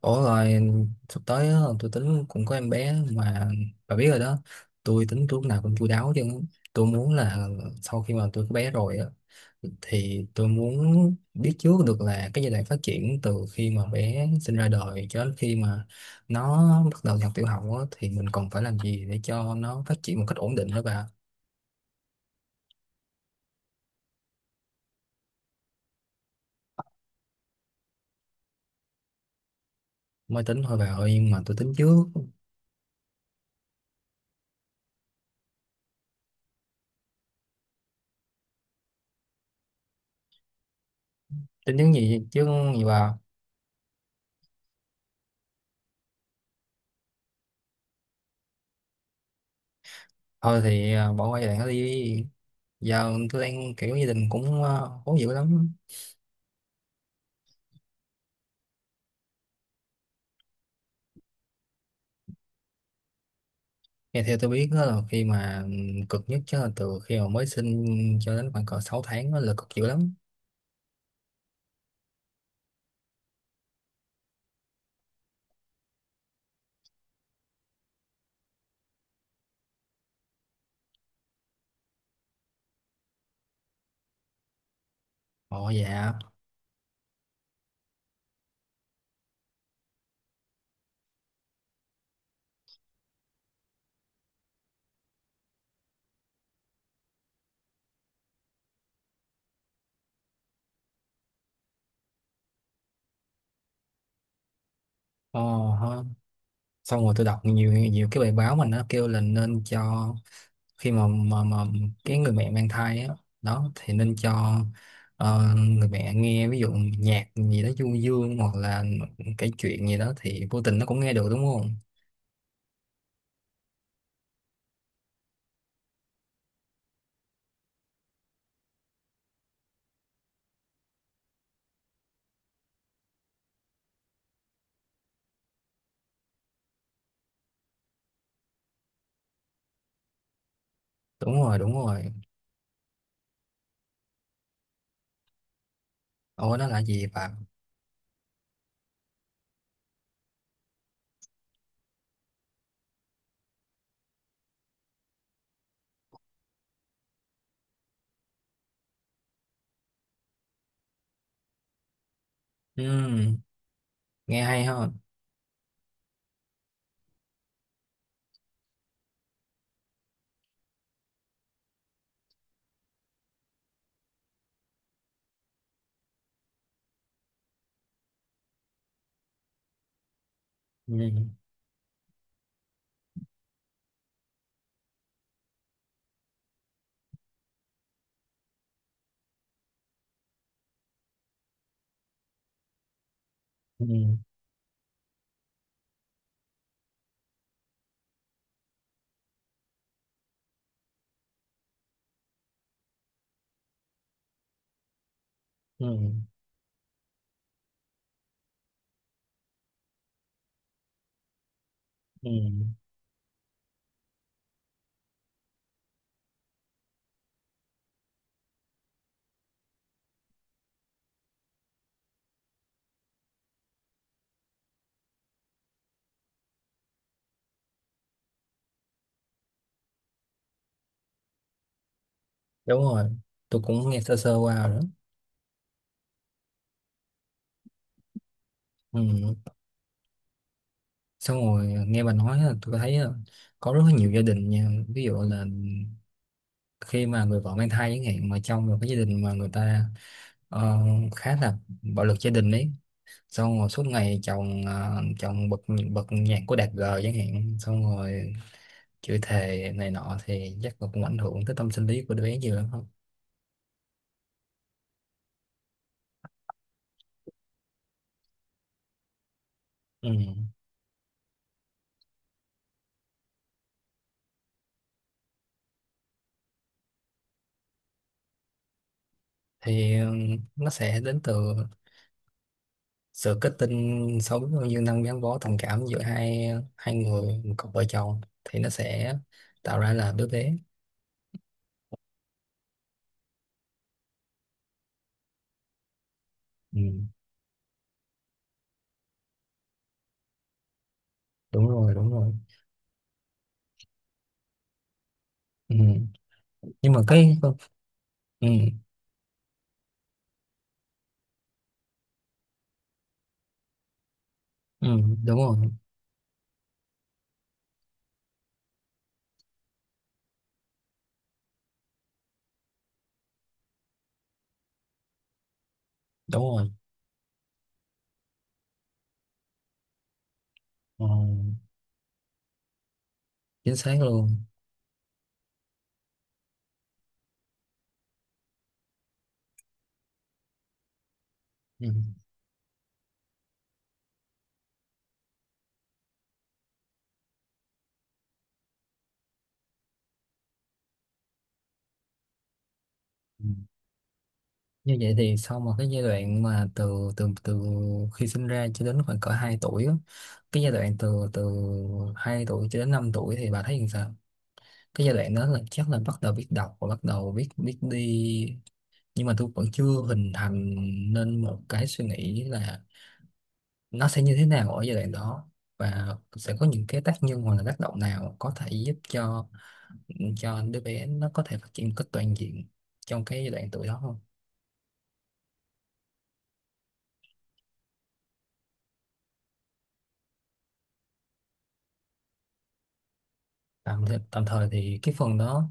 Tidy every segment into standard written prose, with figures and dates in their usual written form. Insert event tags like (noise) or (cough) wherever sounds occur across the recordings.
Ủa rồi sắp tới á, tôi tính cũng có em bé mà, bà biết rồi đó. Tôi tính lúc nào cũng chu đáo chứ. Tôi muốn là sau khi mà tôi có bé rồi á, thì tôi muốn biết trước được là cái giai đoạn phát triển từ khi mà bé sinh ra đời cho đến khi mà nó bắt đầu học tiểu học á, thì mình còn phải làm gì để cho nó phát triển một cách ổn định đó bà. Mới tính thôi bà ơi, nhưng mà tôi tính trước. Tính những gì chứ, gì bà? Thôi thì bỏ qua giai đoạn đó đi. Giờ tôi đang kiểu gia đình cũng khó dữ lắm. Nghe theo tôi biết đó là khi mà cực nhất chứ là từ khi mà mới sinh cho đến khoảng cỡ 6 tháng, đó là cực dữ lắm. Ồ dạ. Ồ ha. Xong rồi tôi đọc nhiều nhiều cái bài báo mà nó kêu là nên cho khi mà cái người mẹ mang thai á, đó thì nên cho người mẹ nghe ví dụ nhạc gì đó du dương, hoặc là kể chuyện gì đó, thì vô tình nó cũng nghe được đúng không? Đúng rồi, đúng rồi. Ồ, nó là gì bạn? Ừ. Nghe hay ha. Ừ, ừ, ừ, ừ. Đúng rồi, tôi cũng nghe sơ sơ qua rồi đó. Ừ. Xong rồi nghe bà nói là tôi thấy á, có rất là nhiều gia đình nha, ví dụ là khi mà người vợ mang thai chẳng hạn, mà trong một cái gia đình mà người ta ờ, khá là bạo lực gia đình ấy, xong rồi suốt ngày chồng, chồng bật bật nhạc của Đạt G chẳng hạn, xong rồi chửi thề này nọ, thì chắc là cũng ảnh hưởng tới tâm sinh lý của đứa bé nhiều lắm không? Ừ. Thì nó sẽ đến từ sự kết tinh sâu như năng gắn bó tình cảm giữa hai hai người, một cặp vợ chồng thì nó sẽ tạo ra là đứa bé. Ừ, đúng rồi, đúng rồi. Ừ. Nhưng mà cái ừ, ừ, đúng rồi đúng rồi. Ờ, chính xác luôn. Ừ. Ừ. Như vậy thì sau một cái giai đoạn mà từ từ từ khi sinh ra cho đến khoảng cỡ 2 tuổi á, cái giai đoạn từ từ 2 tuổi cho đến 5 tuổi thì bà thấy như sao? Cái giai đoạn đó là chắc là bắt đầu biết đọc và bắt đầu biết biết đi, nhưng mà tôi vẫn chưa hình thành nên một cái suy nghĩ là nó sẽ như thế nào ở giai đoạn đó, và sẽ có những cái tác nhân hoặc là tác động nào có thể giúp cho đứa bé nó có thể phát triển một cách toàn diện trong cái giai đoạn tuổi đó không. Tạm thời, tạm thời thì cái phần đó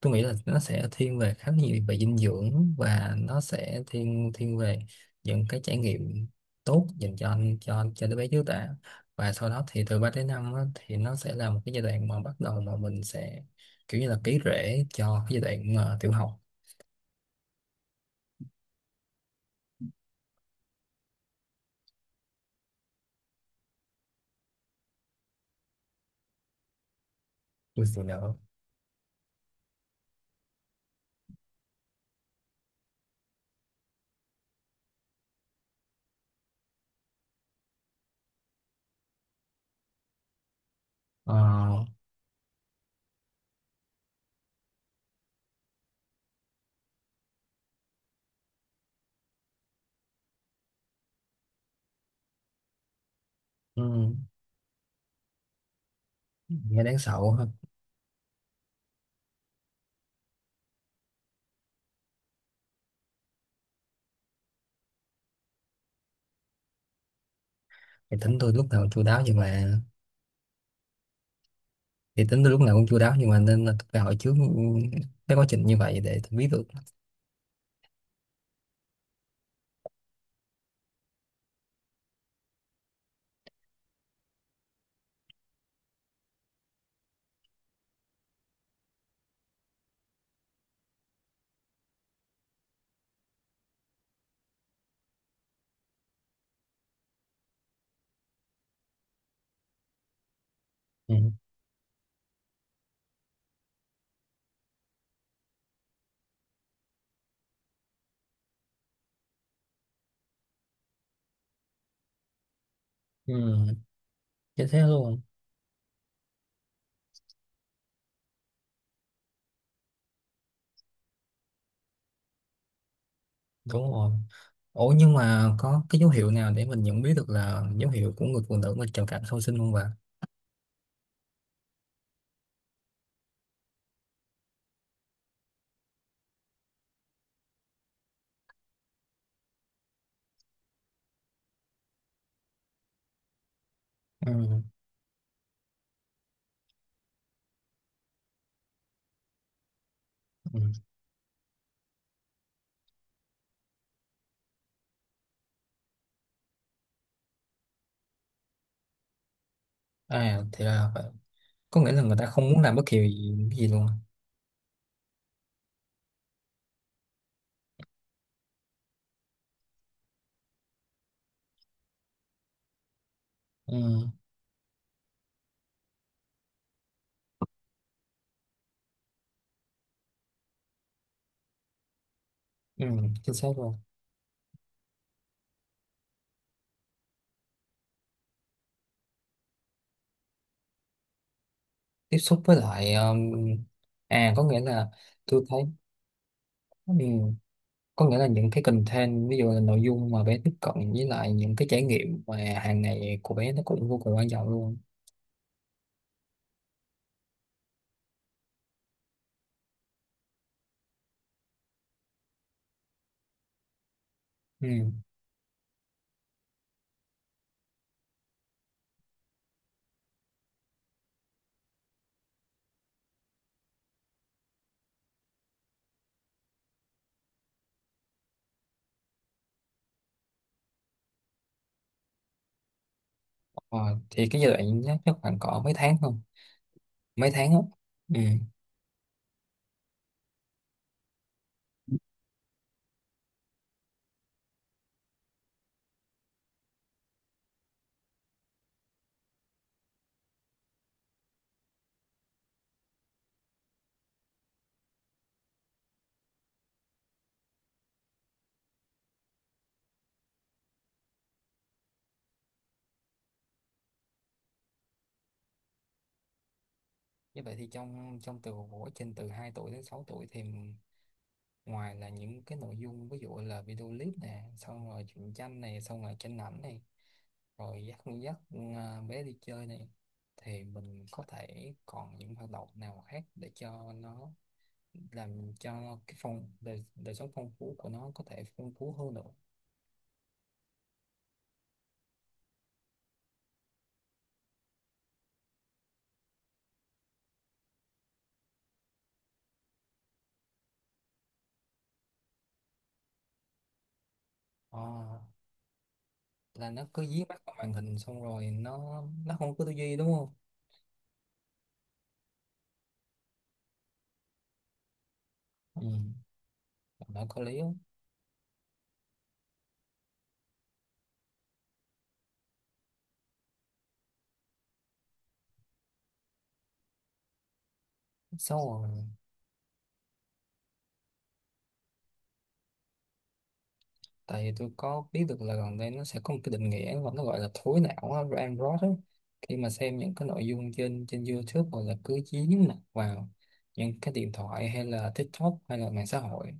tôi nghĩ là nó sẽ thiên về khá nhiều về dinh dưỡng, và nó sẽ thiên thiên về những cái trải nghiệm tốt dành cho anh cho đứa bé trước đã. Và sau đó thì từ 3 đến 5 á, thì nó sẽ là một cái giai đoạn mà bắt đầu mà mình sẽ kiểu như là ký rễ cho cái giai đoạn tiểu học. Của phụ nữ. Ờ, ừ, nghe đáng sợ quá ha. Thì tính tôi lúc nào cũng chu đáo nhưng mà thì tính tôi lúc nào cũng chu đáo nhưng mà nên là tôi phải hỏi trước ừ, cái quá trình như vậy để tôi biết được. Ừ. Ừ. Chết thế luôn. Đúng rồi. Ủa nhưng mà có cái dấu hiệu nào để mình nhận biết được là dấu hiệu của người phụ nữ mà trầm cảm sau sinh không bà? Ừ. Ừ. À thì là phải- có nghĩa là người ta không muốn làm bất kỳ gì, cái gì luôn. Ừ. Ừ. Chính xác luôn. Tiếp xúc với lại à, có nghĩa là tôi thấy. Ừ. Có nghĩa là những cái content, ví dụ là nội dung mà bé tiếp cận với lại những cái trải nghiệm mà hàng ngày của bé, nó cũng vô cùng quan trọng luôn. Ừ. Ờ, thì cái giai đoạn nhất chắc khoảng cỡ mấy tháng không, mấy tháng á? Ừ. Như vậy thì trong trong từ của trình từ 2 tuổi đến 6 tuổi thì ngoài là những cái nội dung ví dụ là video clip nè, xong rồi truyện tranh này, xong rồi tranh ảnh này, rồi dắt dắt bé đi chơi này, thì mình có thể còn những hoạt động nào khác để cho nó làm cho cái phong đời, đời sống phong phú của nó có thể phong phú hơn nữa. Ờ, là nó cứ dí mắt vào màn hình xong rồi nó không có tư duy đúng không? Ừ, nó có lý không? Xong rồi tại vì tôi có biết được là gần đây nó sẽ có một cái định nghĩa mà nó gọi là thối não á, brain rot á. Khi mà xem những cái nội dung trên trên YouTube, hoặc là cứ dính mặt vào những cái điện thoại hay là TikTok hay là mạng xã hội,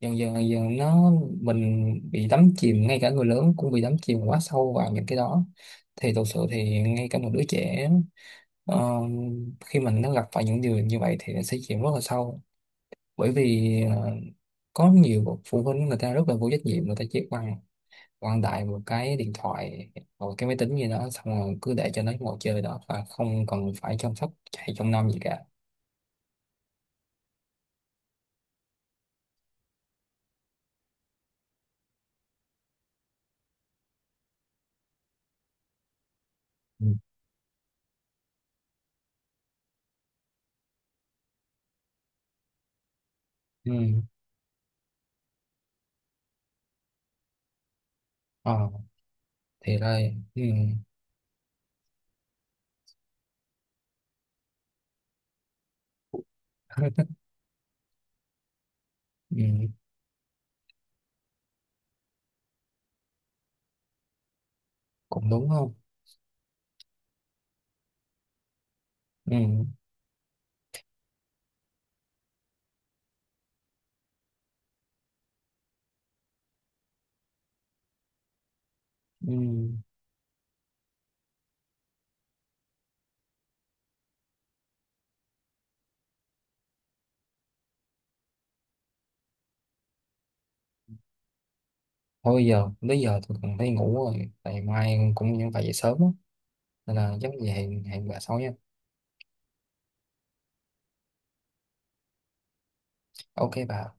dần dần nó mình bị đắm chìm, ngay cả người lớn cũng bị đắm chìm quá sâu vào những cái đó, thì thực sự thì ngay cả một đứa trẻ ờ, khi mình nó gặp phải những điều như vậy thì nó sẽ chìm rất là sâu, bởi vì có nhiều phụ huynh người ta rất là vô trách nhiệm, người ta chỉ bằng quăng đại một cái điện thoại hoặc cái máy tính gì đó, xong rồi cứ để cho nó ngồi chơi đó và không cần phải chăm sóc hay trông nom gì cả. Ừ. Ừ. Ờ, thì đây ừ. (laughs) Ừ. Cũng đúng không. Ừ. Ừ. Thôi giờ tới giờ tôi cần phải ngủ rồi tại mai cũng phải dậy sớm á. Nên là chắc về hẹn hẹn bà sau nha. Ok bà.